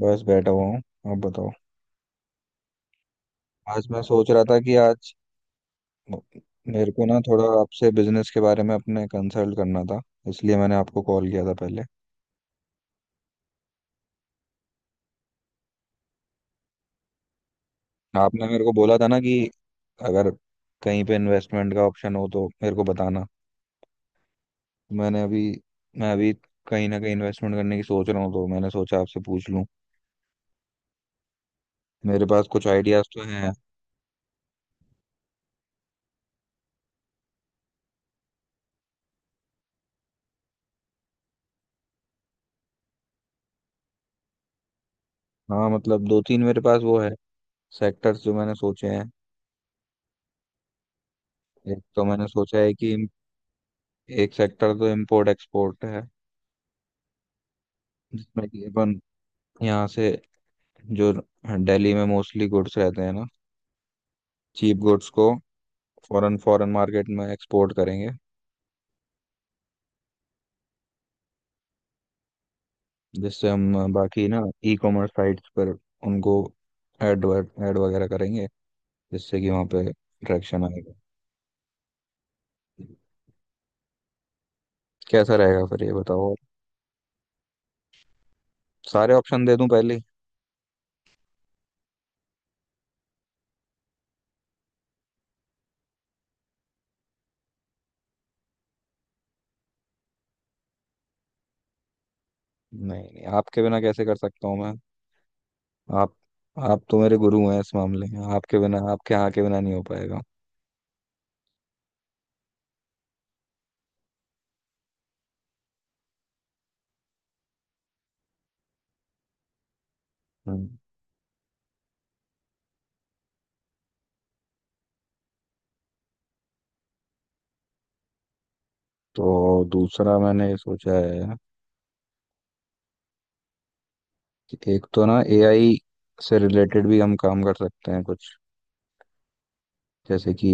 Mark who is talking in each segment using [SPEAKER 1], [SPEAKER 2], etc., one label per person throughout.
[SPEAKER 1] बस बैठा हुआ हूँ। आप बताओ। आज मैं सोच रहा था कि म- मेरे को ना थोड़ा आपसे बिजनेस के बारे में अपने कंसल्ट करना था। इसलिए मैंने आपको कॉल किया था पहले। आपने मेरे को बोला था ना कि अगर कहीं पे इन्वेस्टमेंट का ऑप्शन हो तो मेरे को बताना। मैंने अभी मैं अभी कहीं ना कहीं इन्वेस्टमेंट करने की सोच रहा हूँ, तो मैंने सोचा आपसे पूछ लूँ। मेरे पास कुछ आइडियाज तो हैं। हाँ मतलब दो तीन मेरे पास वो है सेक्टर्स जो मैंने सोचे हैं। एक तो मैंने सोचा है कि एक सेक्टर तो इम्पोर्ट एक्सपोर्ट है, जिसमें कि अपन यहाँ से जो दिल्ली में मोस्टली गुड्स रहते हैं ना चीप गुड्स को फॉरेन फॉरेन मार्केट में एक्सपोर्ट करेंगे। जिससे हम बाकी ना ई कॉमर्स साइट्स पर उनको एड एड वगैरह करेंगे, जिससे कि वहाँ पे ट्रैक्शन आएगा। कैसा रहेगा फिर ये बताओ? सारे ऑप्शन दे दूं पहले ही? नहीं नहीं, आपके बिना कैसे कर सकता हूँ मैं। आप आप तो मेरे गुरु हैं इस मामले में, आपके बिना आपके यहाँ के बिना नहीं हो पाएगा। हम्म, तो दूसरा मैंने सोचा है कि एक तो ना एआई से रिलेटेड भी हम काम कर सकते हैं कुछ। जैसे कि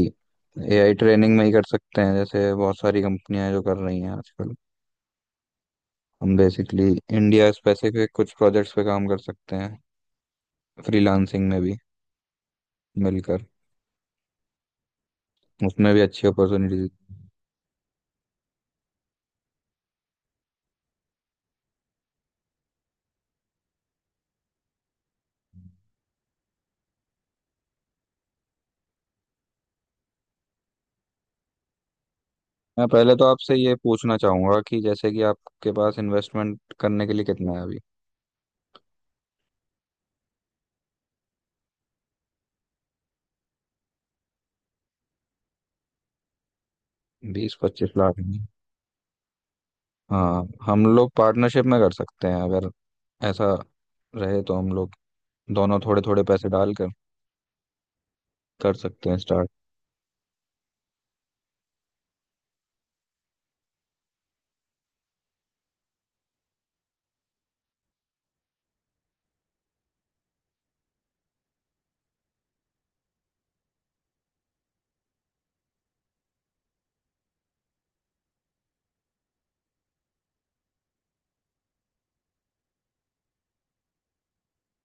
[SPEAKER 1] एआई ट्रेनिंग में ही कर सकते हैं, जैसे बहुत सारी कंपनियां हैं जो कर रही हैं आजकल। हम बेसिकली इंडिया स्पेसिफिक कुछ प्रोजेक्ट्स पे काम कर सकते हैं, फ्रीलांसिंग में भी मिलकर। उसमें भी अच्छी अपॉर्चुनिटीज। मैं पहले तो आपसे ये पूछना चाहूंगा कि जैसे कि आपके पास इन्वेस्टमेंट करने के लिए कितना है अभी। 20-25 लाख? हाँ हम लोग पार्टनरशिप में कर सकते हैं, अगर ऐसा रहे तो हम लोग दोनों थोड़े थोड़े पैसे डाल कर कर सकते हैं स्टार्ट।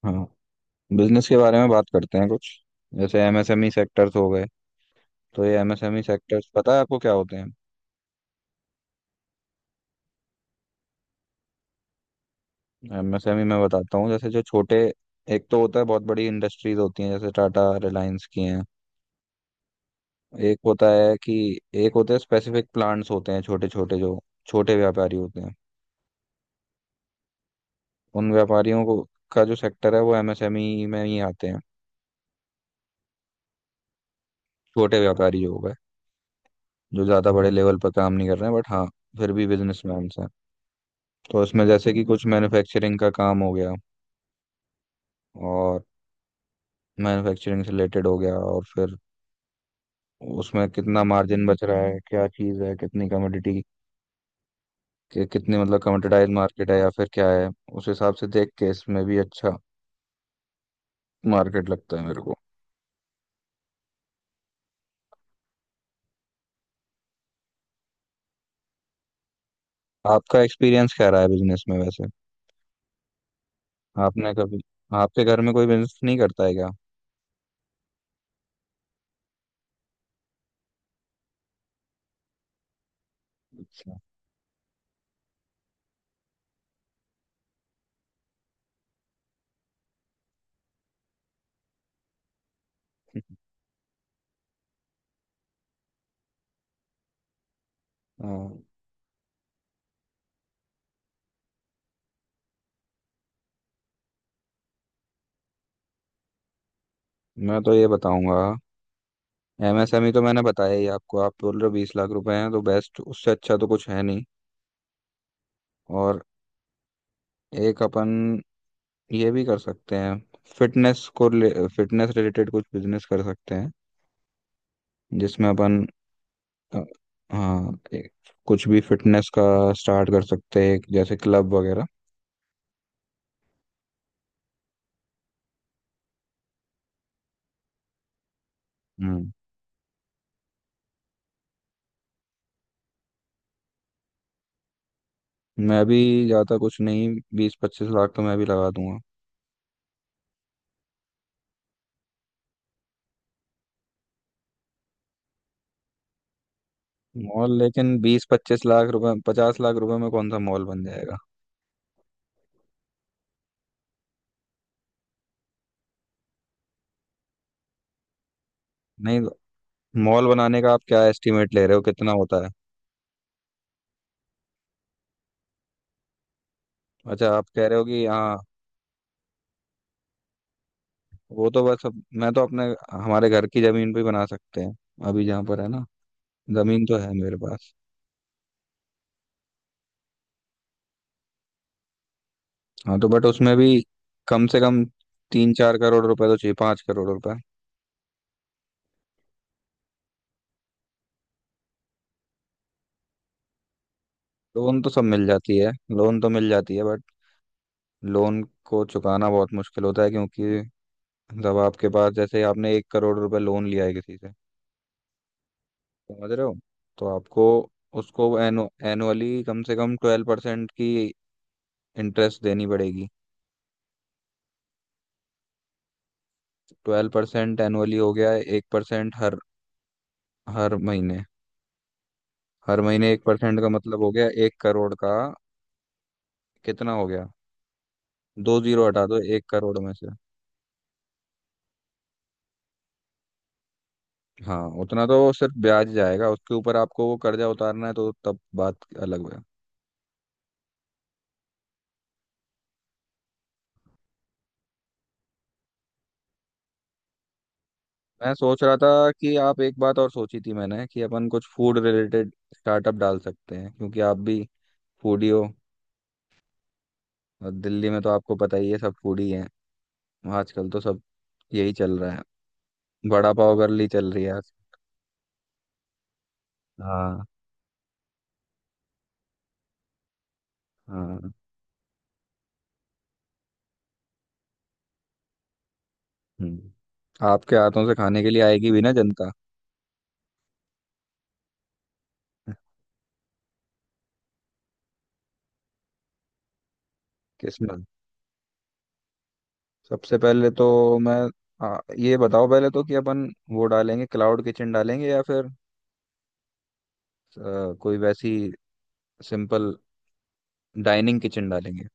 [SPEAKER 1] हाँ बिजनेस के बारे में बात करते हैं कुछ। जैसे एमएसएमई सेक्टर्स हो गए। तो ये एमएसएमई सेक्टर्स पता है आपको क्या होते हैं? एमएसएमई मैं बताता हूँ, जैसे जो छोटे, एक तो होता है बहुत बड़ी इंडस्ट्रीज होती हैं जैसे टाटा रिलायंस की हैं। एक होता है कि एक होते हैं स्पेसिफिक प्लांट्स होते हैं छोटे छोटे, जो छोटे व्यापारी होते हैं। उन व्यापारियों को का जो सेक्टर है वो एमएसएमई में ही आते हैं। छोटे व्यापारी जो हो गए, जो ज़्यादा बड़े लेवल पर काम नहीं कर रहे हैं, बट हाँ फिर भी बिजनेसमैन हैं। तो इसमें जैसे कि कुछ मैन्युफैक्चरिंग का काम हो गया और मैन्युफैक्चरिंग से रिलेटेड हो गया, और फिर उसमें कितना मार्जिन बच रहा है, क्या चीज़ है, कितनी कमोडिटी, कितनी मतलब कमोडिटाइज मार्केट है या फिर क्या है। उस हिसाब से देख के इसमें भी अच्छा मार्केट लगता है मेरे को। आपका एक्सपीरियंस क्या रहा है बिजनेस में वैसे? आपने कभी आपके घर में कोई बिजनेस नहीं करता है क्या? अच्छा। हाँ, मैं तो ये बताऊंगा। एमएसएमई तो मैंने बताया ही आपको। आप बोल रहे हो 20 लाख रुपए हैं, तो बेस्ट उससे अच्छा तो कुछ है नहीं। और एक अपन ये भी कर सकते हैं, फिटनेस को फिटनेस रिलेटेड कुछ बिजनेस कर सकते हैं जिसमें अपन अ, हाँ कुछ भी फिटनेस का स्टार्ट कर सकते हैं जैसे क्लब वगैरह। हम्म मैं भी ज़्यादा कुछ नहीं, 20-25 लाख तो मैं भी लगा दूंगा। मॉल? लेकिन 20-25 लाख रुपए 50 लाख रुपए में कौन सा मॉल बन जाएगा? नहीं, मॉल बनाने का आप क्या एस्टिमेट ले रहे हो कितना होता है? अच्छा आप कह रहे हो कि हाँ, वो तो बस। अब मैं तो अपने हमारे घर की जमीन पे ही बना सकते हैं, अभी जहाँ पर है ना। जमीन तो है मेरे पास। हाँ तो बट उसमें भी कम से कम 3-4 करोड़ रुपए तो चाहिए, 5 करोड़ रुपए। लोन तो सब मिल जाती है। लोन तो मिल जाती है बट लोन को चुकाना बहुत मुश्किल होता है, क्योंकि जब आपके पास, जैसे आपने 1 करोड़ रुपए लोन लिया है किसी से, समझ रहे हो, तो आपको उसको एनुअली कम से कम 12% की इंटरेस्ट देनी पड़ेगी। 12% एनुअली हो गया है, 1% हर हर महीने। हर महीने 1% का मतलब हो गया 1 करोड़ का कितना हो गया? दो जीरो हटा दो 1 करोड़ में से। हाँ उतना तो सिर्फ ब्याज जाएगा, उसके ऊपर आपको वो कर्जा उतारना है तो तब बात अलग है। मैं सोच रहा था कि आप, एक बात और सोची थी मैंने, कि अपन कुछ फूड रिलेटेड स्टार्टअप डाल सकते हैं, क्योंकि आप भी फूडी हो। और दिल्ली में तो आपको पता ही है सब फूडी हैं आजकल, तो सब यही चल रहा है। वड़ा पाव गर्ली चल रही है आज। हाँ हाँ। हम्म। आपके हाथों से खाने के लिए आएगी भी ना जनता। किस्मत। सबसे पहले तो मैं ये बताओ पहले तो कि अपन वो डालेंगे क्लाउड किचन डालेंगे या फिर कोई वैसी सिंपल डाइनिंग किचन डालेंगे।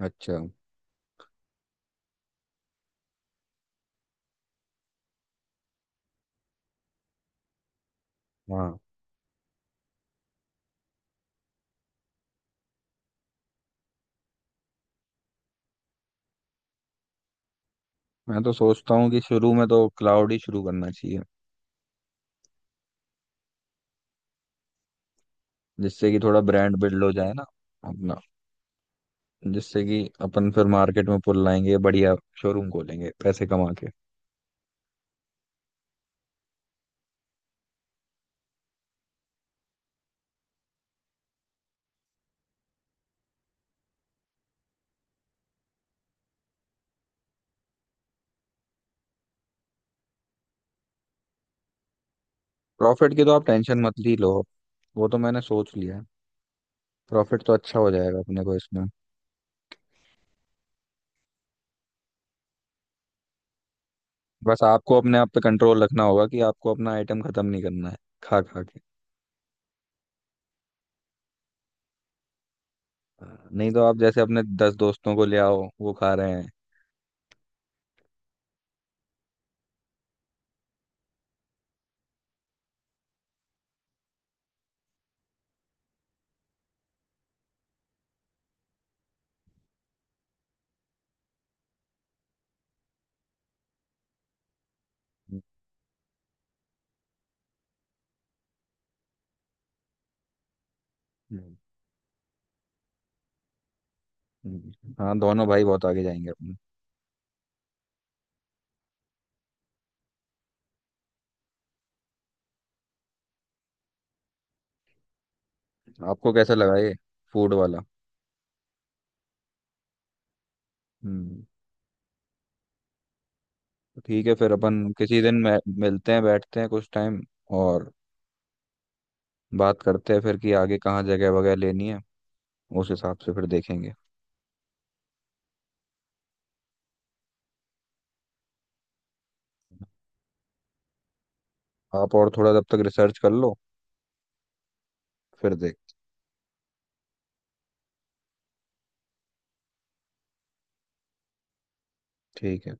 [SPEAKER 1] अच्छा। हाँ मैं तो सोचता हूँ कि शुरू में तो क्लाउड ही शुरू करना चाहिए, जिससे कि थोड़ा ब्रांड बिल्ड हो जाए ना अपना, जिससे कि अपन फिर मार्केट में पुल लाएंगे बढ़िया, शोरूम खोलेंगे पैसे कमा के। प्रॉफिट की तो आप टेंशन मत ही लो। वो तो मैंने सोच लिया है, प्रॉफिट तो अच्छा हो जाएगा अपने को इसमें। बस आपको अपने आप पे कंट्रोल रखना होगा कि आपको अपना आइटम खत्म नहीं करना है खा खा के। हाँ, नहीं तो आप जैसे अपने 10 दोस्तों को ले आओ वो खा रहे हैं। हम्म, हाँ दोनों भाई बहुत आगे जाएंगे अपने। आपको कैसा लगा ये फूड वाला? हम्म। तो ठीक है फिर अपन किसी दिन मिलते हैं बैठते हैं कुछ टाइम और बात करते हैं फिर कि आगे कहाँ जगह वगैरह लेनी है, उस हिसाब से फिर देखेंगे। आप और थोड़ा तब तक रिसर्च कर लो, फिर देख। ठीक है।